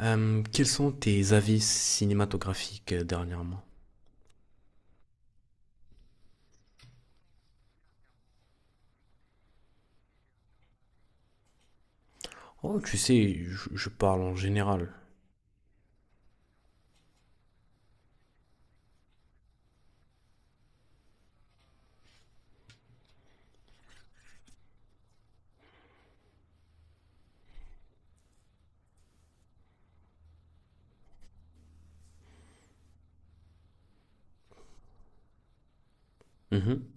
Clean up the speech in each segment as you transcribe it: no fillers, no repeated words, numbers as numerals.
Quels sont tes avis cinématographiques dernièrement? Oh, tu sais, je parle en général. Mhm.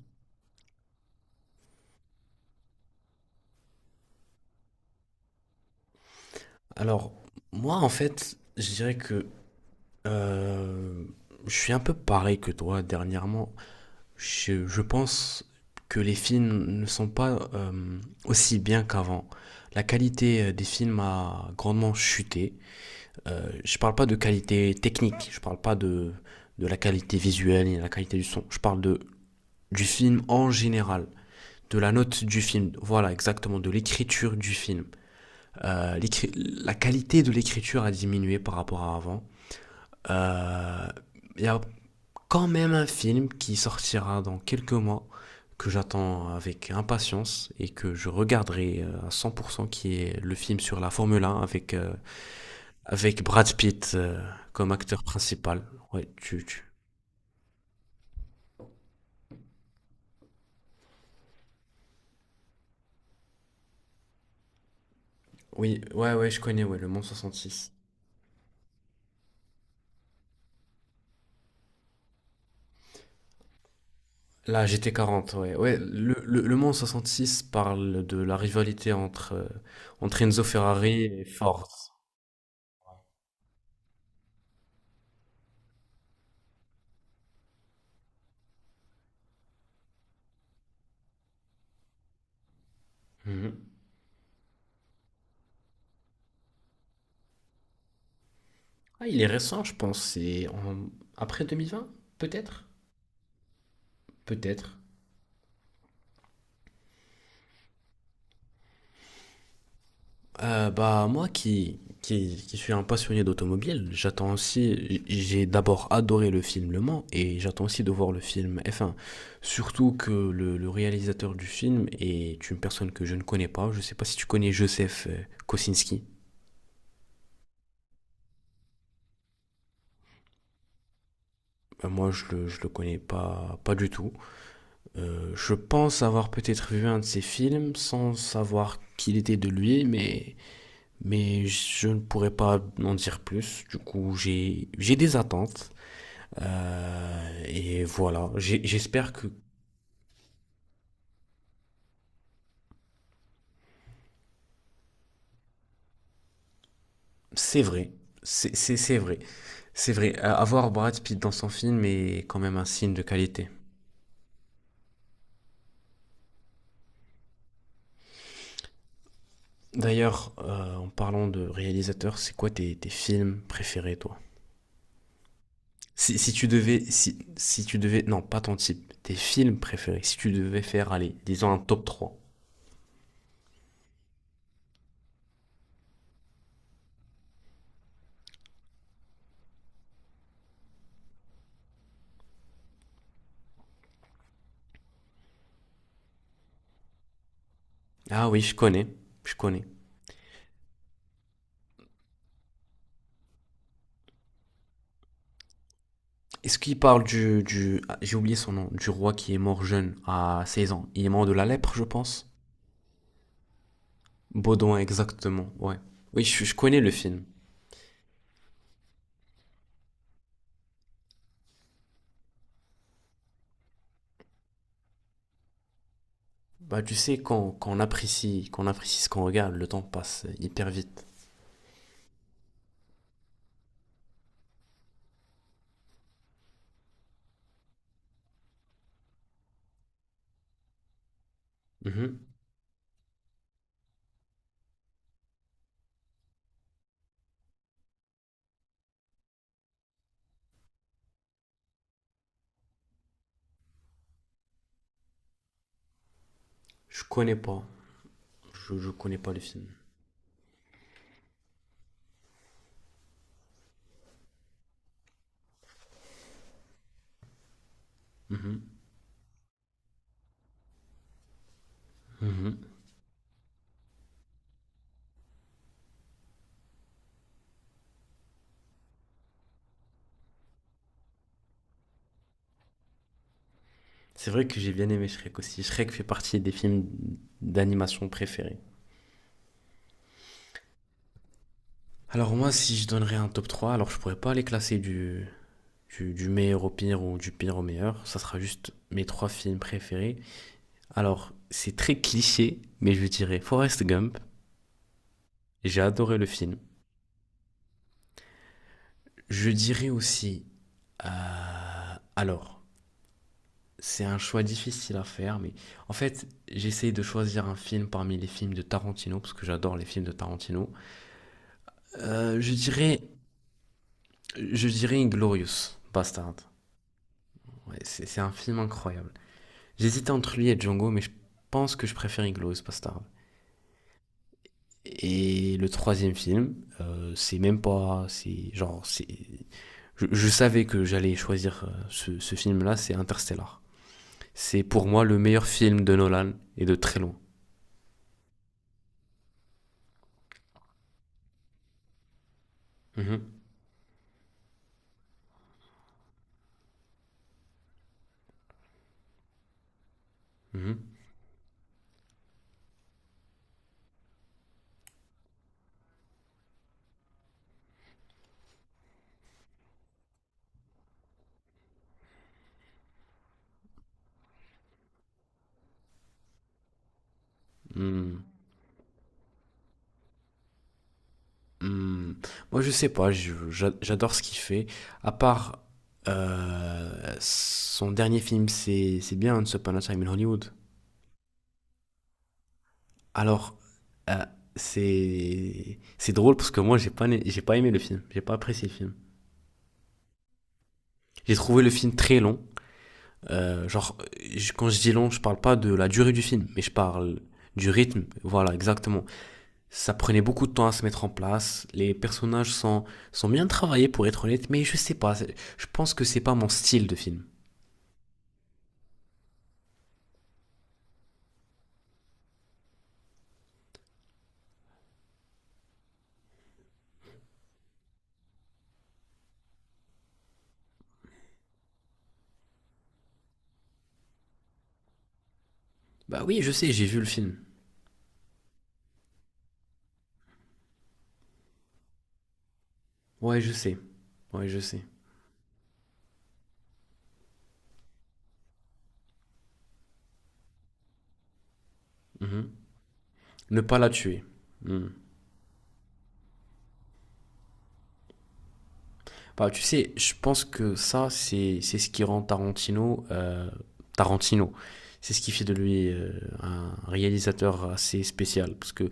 Alors, moi, en fait, je dirais que euh, je suis un peu pareil que toi dernièrement. Je pense que les films ne sont pas aussi bien qu'avant. La qualité des films a grandement chuté. Je parle pas de qualité technique, je parle pas de la qualité visuelle et la qualité du son. Je parle du film en général. De la note du film, voilà exactement, de l'écriture du film. Euh, la qualité de l'écriture a diminué par rapport à avant. Euh, Il y a quand même un film qui sortira dans quelques mois que j'attends avec impatience et que je regarderai à 100% qui est le film sur la Formule 1 avec Brad Pitt comme acteur principal. Ouais. Oui, ouais, ouais, je connais, ouais, le Mans 66. La GT40, ouais. Ouais, le Mans six parle de la rivalité entre Enzo Ferrari et Ford. Mhm. Ah, il est récent, je pense. Après 2020, peut-être? Peut-être. Bah, moi qui suis un passionné d'automobile, j'attends aussi. J'ai d'abord adoré le film Le Mans et j'attends aussi de voir le film F1. Surtout que le réalisateur du film est une personne que je ne connais pas. Je sais pas si tu connais Joseph Kosinski. Ben moi, je le connais pas, pas du tout. Je pense avoir peut-être vu un de ses films sans savoir qu'il était de lui, mais je ne pourrais pas en dire plus. Du coup, j'ai des attentes. Et voilà, J'espère que c'est vrai. C'est vrai. C'est vrai. Avoir Brad Pitt dans son film est quand même un signe de qualité. D'ailleurs, en parlant de réalisateur, c'est quoi tes films préférés, toi? Si tu devais, si tu devais, non, pas ton type, tes films préférés, si tu devais faire, allez, disons un top trois. Ah oui, je connais, je connais. Est-ce qu'il parle du ah, j'ai oublié son nom, du roi qui est mort jeune à 16 ans. Il est mort de la lèpre, je pense. Baudouin, exactement, ouais. Oui, je connais le film. Bah, tu sais, quand on apprécie, quand on apprécie ce qu'on regarde, le temps passe hyper vite. Mhm. Je connais pas. Je connais pas le film. Mhm. Mhm. C'est vrai que j'ai bien aimé Shrek aussi. Shrek fait partie des films d'animation préférés. Alors moi, si je donnerais un top 3, alors je pourrais pas les classer du meilleur au pire ou du pire au meilleur. Ça sera juste mes trois films préférés. Alors, c'est très cliché, mais je dirais Forrest Gump. J'ai adoré le film. Je dirais aussi, alors, c'est un choix difficile à faire, mais en fait, j'essaye de choisir un film parmi les films de Tarantino, parce que j'adore les films de Tarantino. Euh, je dirais Je dirais Inglorious Bastard. Ouais, c'est un film incroyable. J'hésitais entre lui et Django, mais je pense que je préfère Inglorious Bastard. Et le troisième film, c'est même pas. C'est genre. C'est Je savais que j'allais choisir ce film-là, c'est Interstellar. C'est pour moi le meilleur film de Nolan et de très loin. Mhm, mhm, mhm. Hmm, moi, je sais pas, j'adore ce qu'il fait. À part euh, son dernier film, c'est bien Once Upon a Time in Hollywood. Alors, euh, c'est drôle parce que moi, j'ai pas aimé le film, j'ai pas apprécié le film. J'ai trouvé le film très long. Genre, quand je dis long, je parle pas de la durée du film, mais je parle du rythme. Voilà, exactement. Ça prenait beaucoup de temps à se mettre en place. Les personnages sont bien travaillés pour être honnête, mais je sais pas. Je pense que c'est pas mon style de film. Bah oui, je sais, j'ai vu le film. Ouais, je sais. Ouais, je sais. Mhm. Ne pas la tuer. Hmm. Bah, tu sais, je pense que ça, c'est ce qui rend Tarantino Tarantino. C'est ce qui fait de lui un réalisateur assez spécial. Parce que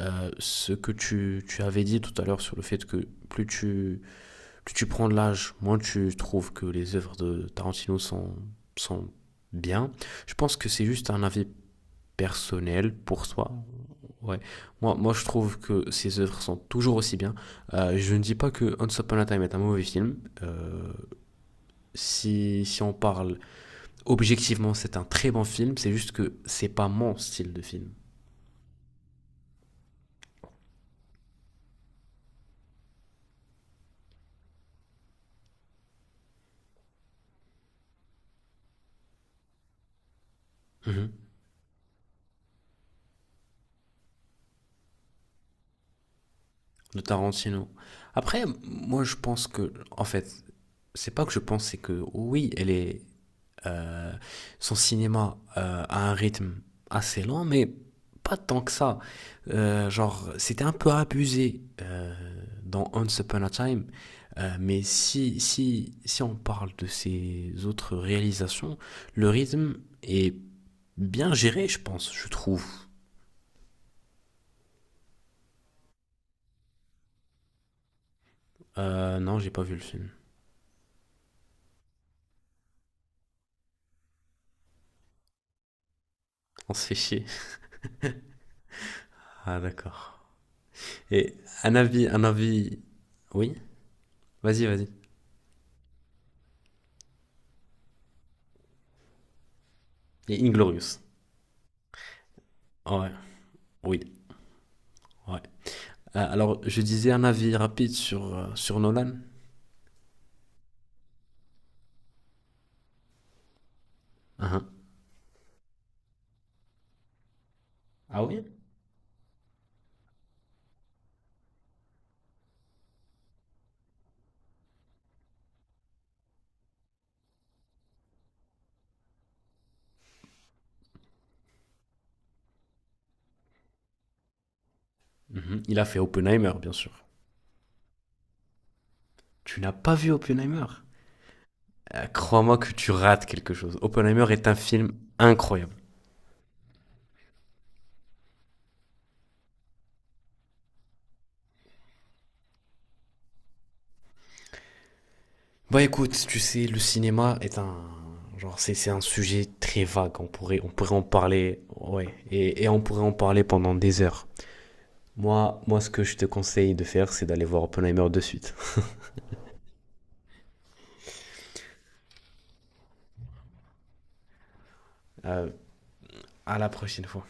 ce que tu avais dit tout à l'heure sur le fait que plus tu prends de l'âge, moins tu trouves que les œuvres de Tarantino sont bien. Je pense que c'est juste un avis personnel pour soi. Ouais. Moi, je trouve que ses œuvres sont toujours aussi bien. Je ne dis pas que Once Upon a Time est un mauvais film. Si on parle objectivement, c'est un très bon film. C'est juste que c'est pas mon style de film. Mhm. De Tarantino. Après, moi, je pense que, en fait, c'est pas que je pense, c'est que oui, elle est euh, son cinéma a un rythme assez lent, mais pas tant que ça. Genre, c'était un peu abusé dans Once Upon a Time, mais si on parle de ses autres réalisations, le rythme est bien géré, je pense, je trouve. Non, j'ai pas vu le film. On se fait chier. Ah, d'accord. Et un avis. Oui, vas-y, vas-y. Et Inglorious. Ouais, oui, ouais. Alors, je disais un avis rapide sur Nolan. Hein. Ah oui? Mhm. Il a fait Oppenheimer, bien sûr. Tu n'as pas vu Oppenheimer? Crois-moi que tu rates quelque chose. Oppenheimer est un film incroyable. Bah écoute, tu sais, le cinéma est un. Genre, c'est un sujet très vague. On pourrait en parler, ouais. Et on pourrait en parler pendant des heures. Moi, ce que je te conseille de faire, c'est d'aller voir Oppenheimer de suite. Euh, à la prochaine fois.